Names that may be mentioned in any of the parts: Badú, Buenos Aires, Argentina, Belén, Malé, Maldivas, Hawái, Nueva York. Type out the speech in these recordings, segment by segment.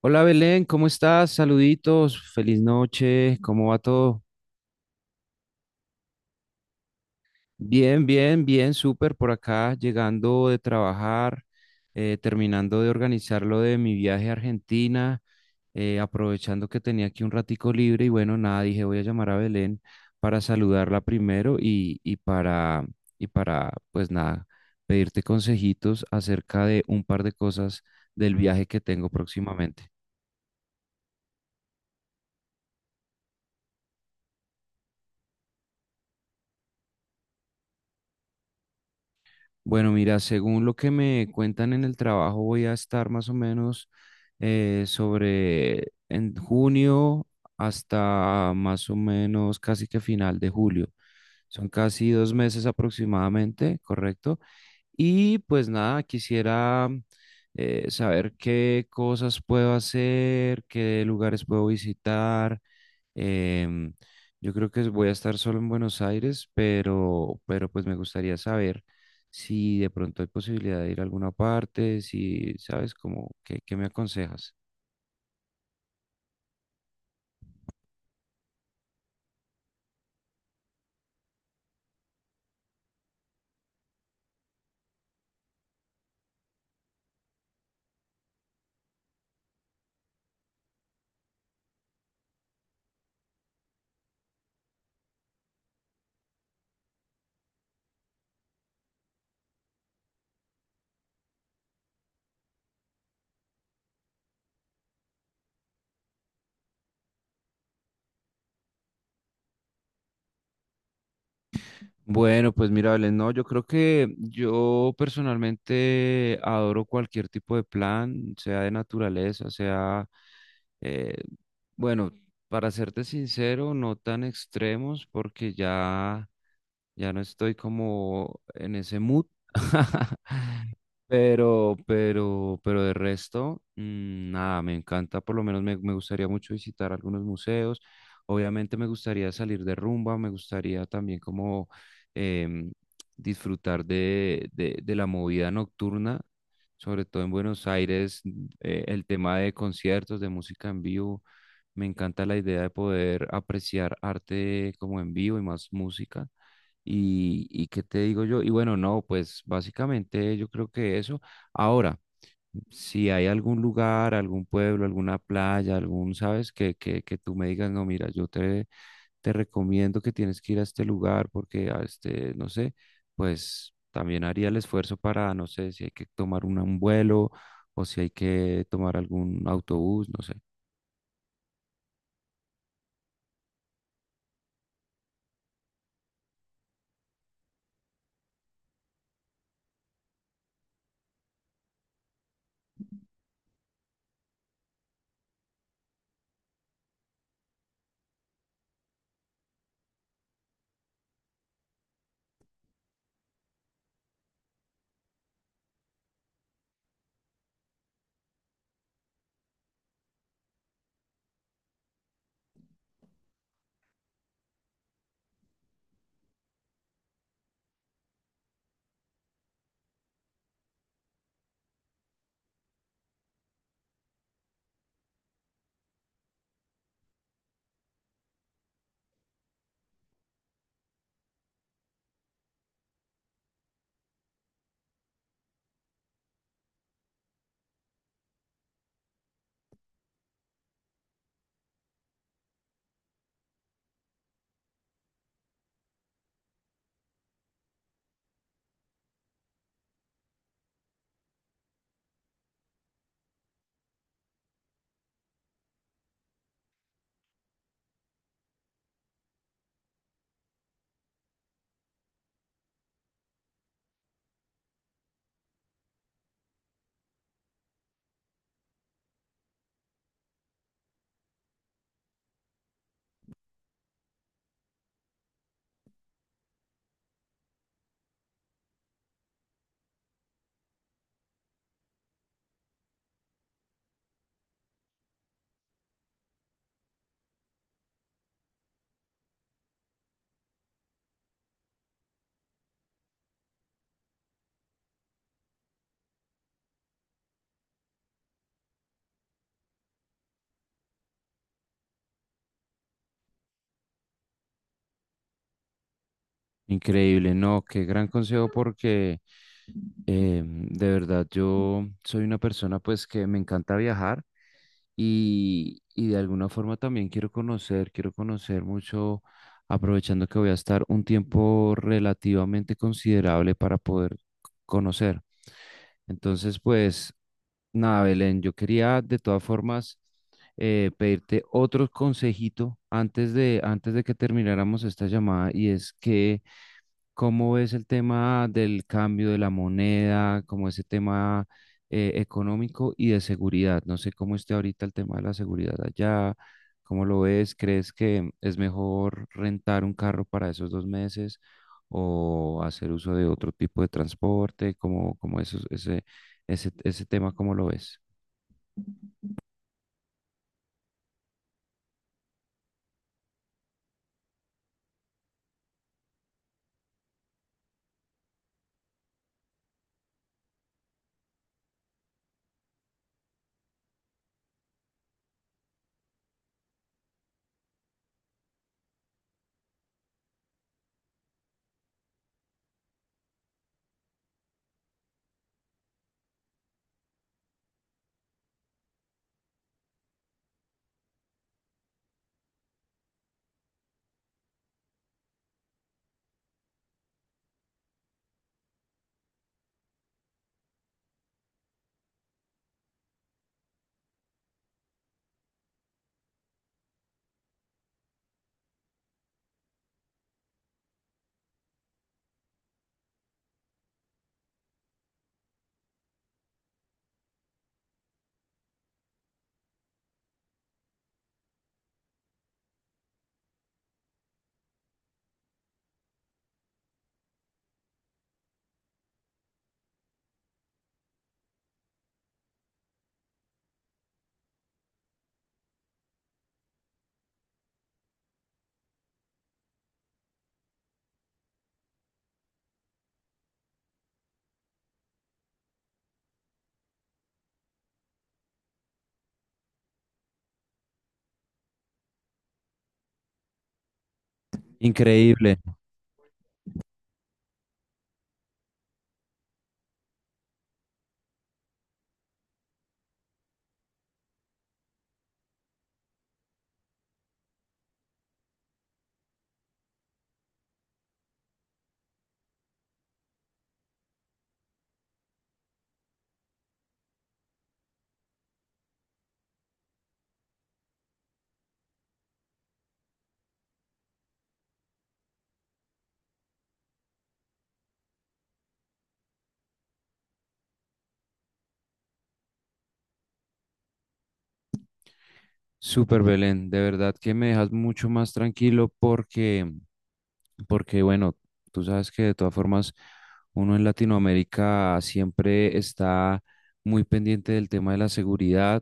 Hola Belén, ¿cómo estás? Saluditos, feliz noche, ¿cómo va todo? Bien, bien, bien, súper por acá, llegando de trabajar, terminando de organizar lo de mi viaje a Argentina, aprovechando que tenía aquí un ratico libre y bueno, nada, dije voy a llamar a Belén para saludarla primero y para, pues nada, pedirte consejitos acerca de un par de cosas del viaje que tengo próximamente. Bueno, mira, según lo que me cuentan en el trabajo, voy a estar más o menos sobre en junio hasta más o menos casi que final de julio. Son casi dos meses aproximadamente, ¿correcto? Y pues nada, quisiera saber qué cosas puedo hacer, qué lugares puedo visitar. Em, yo creo que voy a estar solo en Buenos Aires, pero, pues me gustaría saber si de pronto hay posibilidad de ir a alguna parte, si sabes como qué, qué me aconsejas. Bueno, pues mira, Belén, no, yo creo que yo personalmente adoro cualquier tipo de plan, sea de naturaleza, sea, eh, bueno, para serte sincero, no tan extremos, porque ya no estoy como en ese mood. Pero, pero de resto, nada, me encanta, por lo menos me gustaría mucho visitar algunos museos. Obviamente me gustaría salir de rumba, me gustaría también como em, disfrutar de la movida nocturna, sobre todo en Buenos Aires, el tema de conciertos, de música en vivo. Me encanta la idea de poder apreciar arte como en vivo y más música. Y qué te digo yo, y bueno, no, pues básicamente yo creo que eso. Ahora, si hay algún lugar, algún pueblo, alguna playa, algún, sabes, que tú me digas, no, mira, te recomiendo que tienes que ir a este lugar porque a este, no sé, pues también haría el esfuerzo para, no sé, si hay que tomar un vuelo o si hay que tomar algún autobús, no sé. Increíble, no, qué gran consejo porque... De verdad, yo soy una persona pues que me encanta viajar y de alguna forma también quiero conocer mucho, aprovechando que voy a estar un tiempo relativamente considerable para poder conocer. Entonces, pues nada, Belén, yo quería de todas formas pedirte otro consejito antes de que termináramos esta llamada y es que ¿cómo ves el tema del cambio de la moneda, como ese tema económico y de seguridad? No sé cómo esté ahorita el tema de la seguridad allá, ¿cómo lo ves? ¿Crees que es mejor rentar un carro para esos dos meses o hacer uso de otro tipo de transporte? ¿Cómo, cómo eso, ese tema, cómo lo ves? Increíble, súper Belén, de verdad que me dejas mucho más tranquilo porque bueno, tú sabes que de todas formas uno en Latinoamérica siempre está muy pendiente del tema de la seguridad.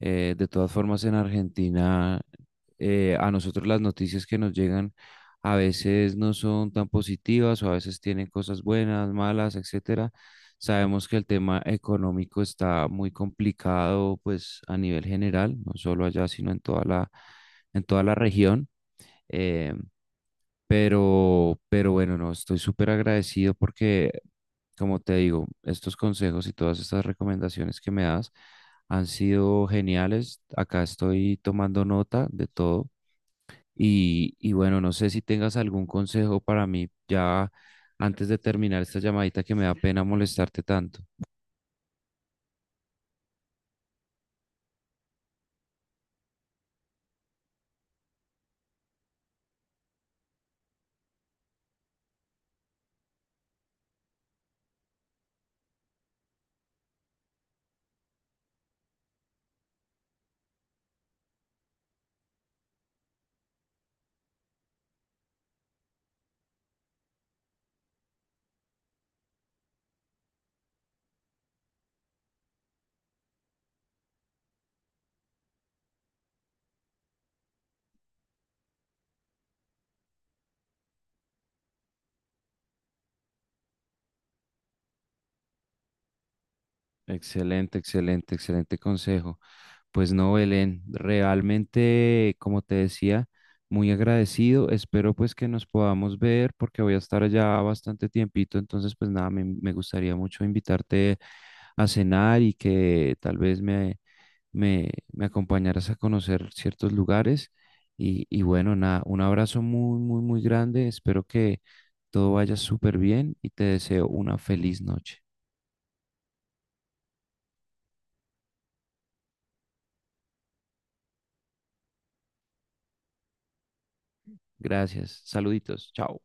De todas formas en Argentina a nosotros las noticias que nos llegan a veces no son tan positivas o a veces tienen cosas buenas, malas, etcétera. Sabemos que el tema económico está muy complicado pues a nivel general, no solo allá, sino en toda en toda la región. Eh, pero bueno, no, estoy súper agradecido porque, como te digo, estos consejos y todas estas recomendaciones que me das han sido geniales. Acá estoy tomando nota de todo. Y bueno, no sé si tengas algún consejo para mí ya antes de terminar esta llamadita que me da pena molestarte tanto. Excelente, excelente, excelente consejo. Pues no, Belén, realmente, como te decía, muy agradecido. Espero pues que nos podamos ver porque voy a estar allá bastante tiempito. Entonces, pues nada, me gustaría mucho invitarte a cenar y que tal vez me acompañaras a conocer ciertos lugares. Y bueno, nada, un abrazo muy, muy, muy grande. Espero que todo vaya súper bien y te deseo una feliz noche. Gracias. Saluditos. Chao.